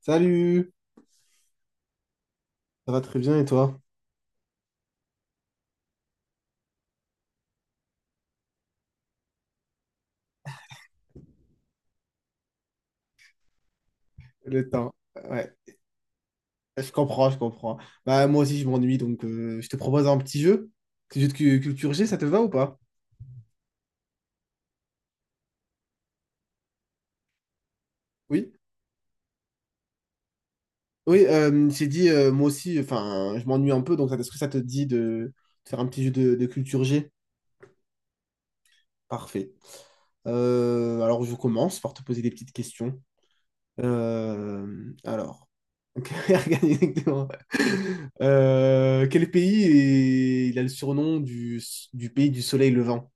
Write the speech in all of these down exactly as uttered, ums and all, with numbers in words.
Salut, ça va très bien et toi? Le temps. Ouais. Je comprends, je comprends. Bah moi aussi je m'ennuie donc euh, je te propose un petit jeu. Petit jeu de cu- culture G, ça te va ou pas? Oui, oui, euh, j'ai dit euh, moi aussi, enfin je m'ennuie un peu donc ça- est-ce que ça te dit de, de faire un petit jeu de, de culture G? Parfait. Euh, alors je commence par te poser des petites questions. Euh, alors, exactement. Euh, quel pays est- il a le surnom du, du pays du soleil levant?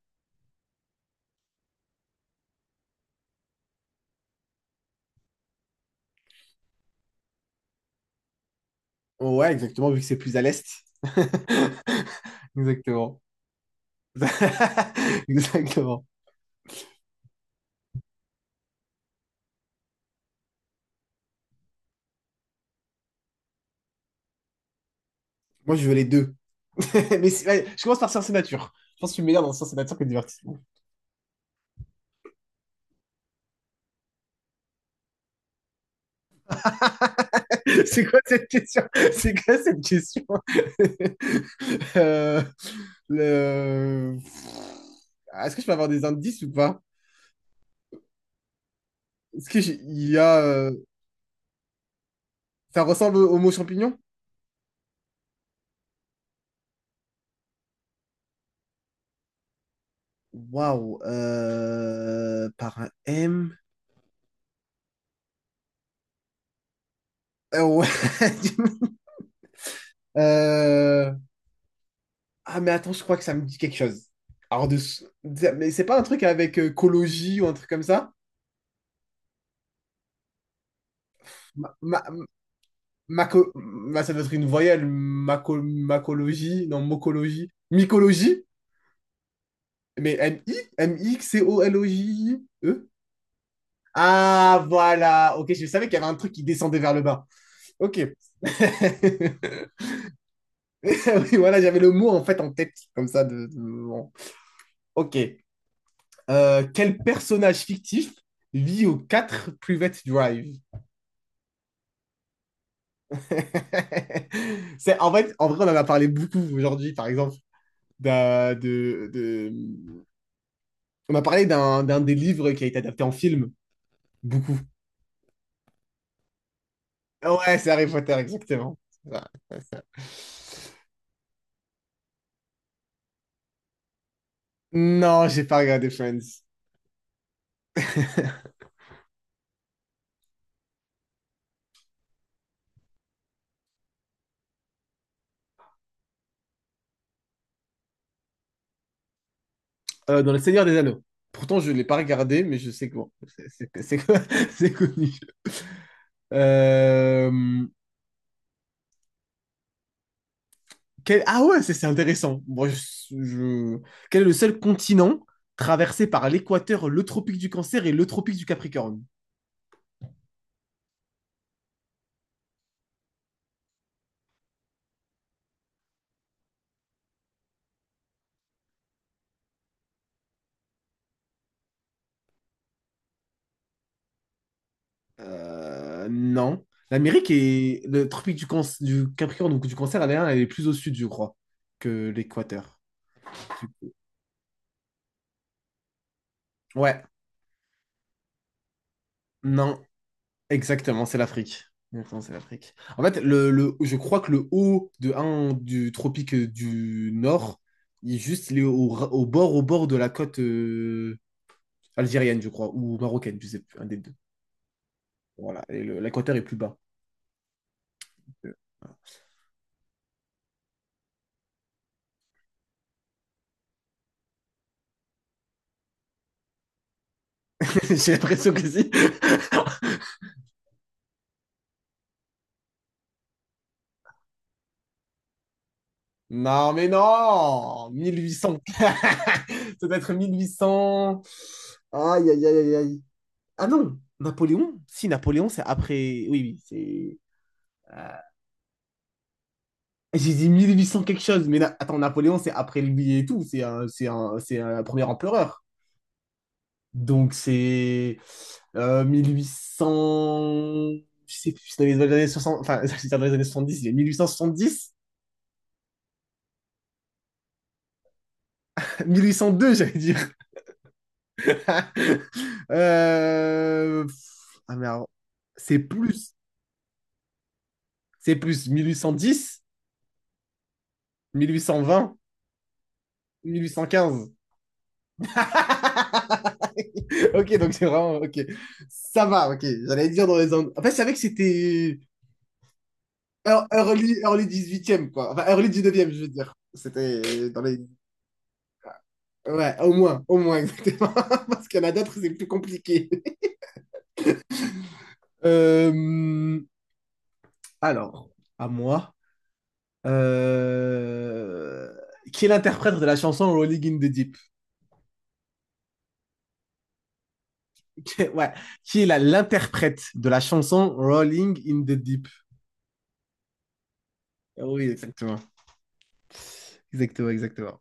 Ouais, exactement, vu que c'est plus à l'est. Exactement. Exactement. Moi, je veux les deux. Mais c'est- ouais, je commence par science et nature. Je pense que je suis meilleur dans science et nature que divertissement. C'est quoi cette question? C'est quoi cette question? Euh, le... Ah, est-ce que je peux avoir des indices ou pas? Est-ce que j'ai- il y a... euh, Ça ressemble au mot champignon? Waouh. Euh, Par un M. Euh, ouais. Euh, ah, mais attends, je crois que ça me dit quelque chose. Alors, de... mais c'est pas un truc avec euh, cologie ou un truc comme ça? Ma... ma- maco- ma- ça doit être une voyelle. Maco- Macologie? Non, mocologie. Mycologie? Mais M-I? M-I-C-O-L-O-J-I-E? Ah, voilà. Ok, je savais qu'il y avait un truc qui descendait vers le bas. Ok. Oui, voilà, j'avais le mot en fait en tête, comme ça. De, de- bon. Ok. Euh, quel personnage fictif vit aux quatre Private Drive? C'est, en fait, en vrai, on en a parlé beaucoup aujourd'hui, par exemple. d'un- de, de- On a parlé d'un d'un des livres qui a été adapté en film, beaucoup. Ouais, c'est Harry Potter, exactement. Voilà. Non, j'ai pas regardé Friends. Euh, dans Le Seigneur des Anneaux. Pourtant, je l'ai pas regardé, mais je sais que bon, c'est c'est- c'est- c'est connu. Euh, Quel- Ah ouais, c'est c'est intéressant. Moi, je... je- Quel est le seul continent traversé par l'équateur, le tropique du Cancer et le tropique du Capricorne? Euh, non. L'Amérique est... Le tropique du, Canc- du Capricorne, donc du Cancer, elle est, elle est plus au sud, je crois, que l'équateur. Ouais, non. Exactement, c'est l'Afrique. Exactement, c'est l'Afrique. En fait, le, le- je crois que le haut de un du tropique du Nord, il est juste il est au, ra- au bord, au bord de la côte euh, algérienne, je crois, ou marocaine, je sais plus, un des deux. Voilà, et le- l'équateur est plus bas. J'ai l'impression que si. Non, mais non! mille huit cents. Ça doit être mille huit cents. Aïe, aïe, aïe, aïe. Aïe. Ah non, Napoléon? Si, Napoléon, c'est après. Oui, oui, c'est. J'ai dit mille huit cents quelque chose, mais na- attends, Napoléon, c'est après lui et tout, c'est un, c'est un, c'est un premier empereur. Donc c'est euh, mille huit cents, je sais plus, c'est dans les années soixante, enfin, c'est dans les années soixante-dix, il y a mille huit cent soixante-dix, mille huit cent deux, j'allais dire. Euh, pff, Ah merde, c'est plus, c'est plus, mille huit cent dix, mille huit cent vingt, mille huit cent quinze. ok, donc c'est vraiment. Ok. Ça va, ok. J'allais dire dans les angles. En fait, je savais que c'était ear- early, early dix-huitième, quoi. Enfin, early dix-neuvième, je veux dire. C'était dans les. Ouais, au moins, au moins, exactement. Parce qu'il y en a d'autres, c'est plus compliqué. Euh, Alors, à moi. Euh, Qui est l'interprète de la chanson Rolling in the Deep? Qui- Ouais. Qui est la- l'interprète de la chanson Rolling in the Deep? Oui, exactement. Exactement, exactement.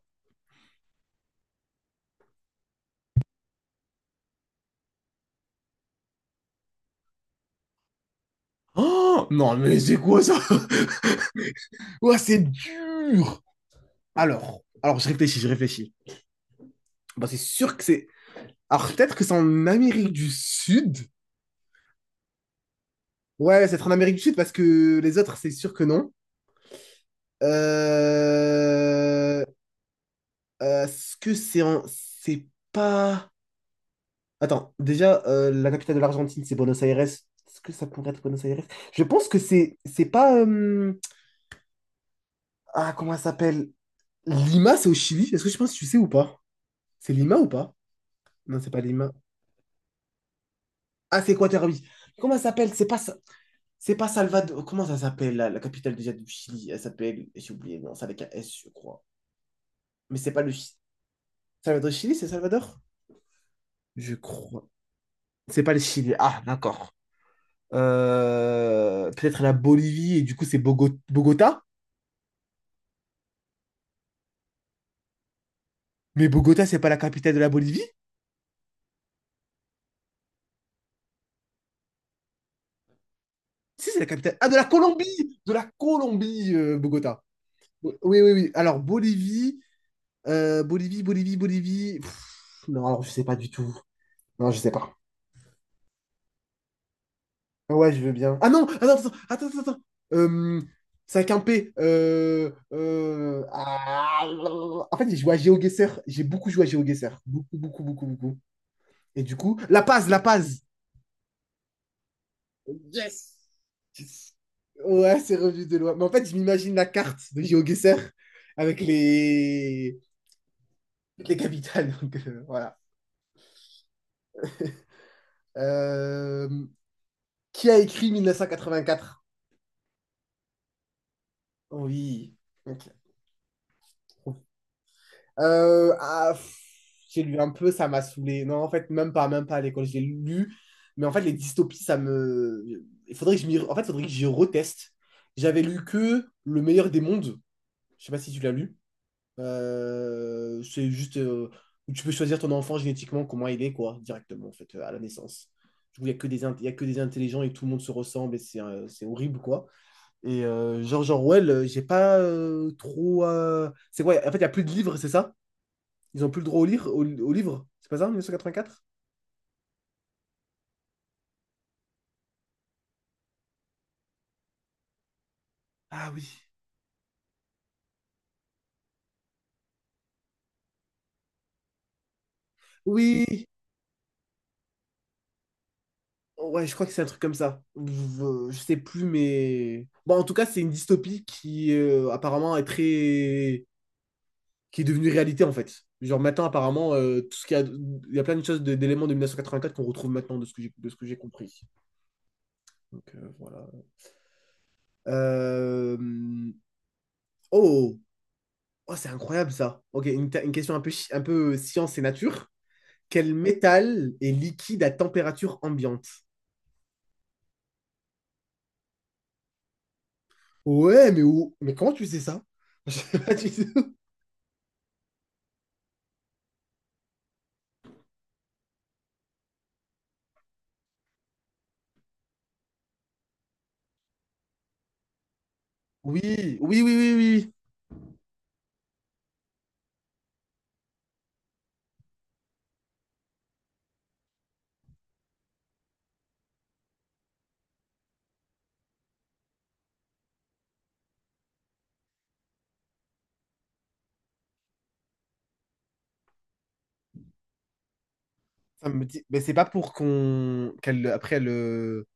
Oh, non, mais c'est quoi ça? Ouais, c'est dur! Alors, alors, je réfléchis, je réfléchis. Bah, c'est sûr que c'est. Alors, peut-être que c'est en Amérique du Sud. Ouais, c'est en Amérique du Sud parce que les autres, c'est sûr que non. Euh... euh, Est-ce que c'est en. C'est pas. Attends, déjà, euh, la capitale de l'Argentine, c'est Buenos Aires. Est-ce que ça pourrait être Buenos Aires? Je pense que c'est c'est pas. euh, Ah, comment ça s'appelle? Lima, c'est au Chili. Est-ce que je pense que tu sais ou pas? C'est Lima ou pas? Non, c'est pas Lima. Ah, c'est Quaterby. Comment ça s'appelle? C'est pas, ça- c'est pas Salvador. Comment ça s'appelle, la, la capitale déjà du Chili? Elle s'appelle, j'ai oublié, non, c'est avec un S, je crois. Mais c'est pas le Chili. Salvador Chili, c'est Salvador? Je crois. C'est pas le Chili. Ah, d'accord. Euh, peut-être la Bolivie, et du coup, c'est Bogo- Bogota? Mais Bogota, c'est pas la capitale de la Bolivie? Si, c'est la capitale. Ah, de la Colombie! De la Colombie, euh, Bogota. Oui, oui, oui. Alors, Bolivie, euh, Bolivie, Bolivie, Bolivie. Pff, non, alors, je sais pas du tout. Non, je sais pas. Ouais, je veux bien. Ah non, attends, attends, attends, attends. attends. Euh, c'est avec un P. Euh, euh, ah, En fait, j'ai joué à GeoGuessr. J'ai beaucoup joué à GeoGuessr. Beaucoup, beaucoup, beaucoup, beaucoup. Et du coup, La Paz, La Paz. Yes! Yes. Ouais, c'est revenu de loin. Mais en fait, je m'imagine la carte de GeoGuessr avec les... avec les capitales. Donc, euh, voilà. Euh, Qui a écrit mille neuf cent quatre-vingt-quatre? Oui. Ok. Euh, ah, pff, j'ai lu un peu, ça m'a saoulé. Non, en fait, même pas, même pas à l'école. J'ai lu, mais en fait, les dystopies, ça me. Il faudrait que je m'y... En fait, faudrait que j'y reteste. J'avais lu que Le meilleur des mondes. Je sais pas si tu l'as lu. Euh, c'est juste euh, où tu peux choisir ton enfant génétiquement, comment il est, quoi, directement, en fait, euh, à la naissance. Du coup, il n'y a que des, int- il y a que des intelligents et tout le monde se ressemble et c'est euh, c'est horrible, quoi. Et euh, George Orwell, euh, j'ai pas euh, trop. euh, C'est quoi? En fait, il n'y a plus de livres, c'est ça? Ils ont plus le droit au, lire, au, au livre. C'est pas ça, en mille neuf cent quatre-vingt-quatre? Ah oui. Oui, ouais, je crois que c'est un truc comme ça. Je, je sais plus, mais... Bon, en tout cas, c'est une dystopie qui euh, apparemment est très... qui est devenue réalité, en fait. Genre maintenant, apparemment, euh, tout ce qu'il y a... il y a plein de choses de- d'éléments de mille neuf cent quatre-vingt-quatre qu'on retrouve maintenant de ce que j'ai de ce que j'ai compris. Donc euh, voilà. Euh, Oh, oh c'est incroyable ça. Ok, une, ta- une question un peu, chi- un peu science et nature. Quel métal est liquide à température ambiante? Ouais, mais où... Mais comment tu sais ça? Je sais pas du tout. Oui, oui, oui, oui, oui. Ça me dit... Mais c'est pas pour qu'on... qu'elle, après, elle, euh,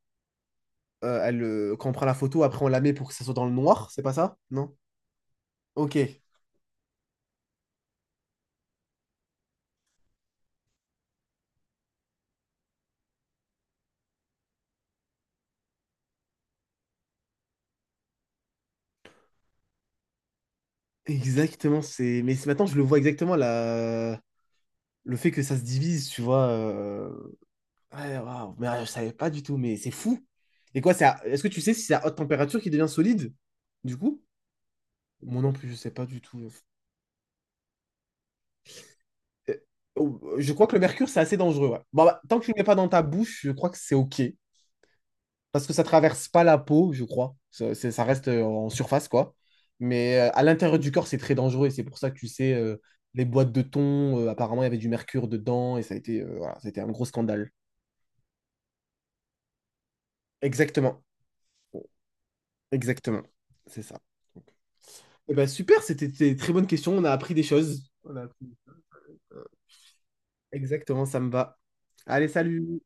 euh, elle, euh, quand on prend la photo, après, on la met pour que ça soit dans le noir, c'est pas ça? Non? Ok. Exactement, c'est... Mais c'est- maintenant, je le vois exactement, la... le fait que ça se divise, tu vois. euh, Ouais, waouh, mais euh, je savais pas du tout, mais c'est fou. Et quoi, c'est à- est-ce que tu sais si c'est à haute température qui devient solide, du coup? Moi non plus, je sais pas du tout. Euh, oh, Je crois que le mercure, c'est assez dangereux. Ouais. Bon, bah, tant que tu ne le mets pas dans ta bouche, je crois que c'est OK. Parce que ça traverse pas la peau, je crois. Ça, c'est- ça reste euh, en surface, quoi. Mais euh, à l'intérieur du corps, c'est très dangereux. Et c'est pour ça que tu sais, euh, les boîtes de thon, euh, apparemment, il y avait du mercure dedans. Et ça a été, euh, voilà, ça a été un gros scandale. Exactement. Exactement. C'est ça. Eh ben, super, c'était des très bonnes questions. On a appris des choses. On a appris- Exactement, ça me va. Allez, salut!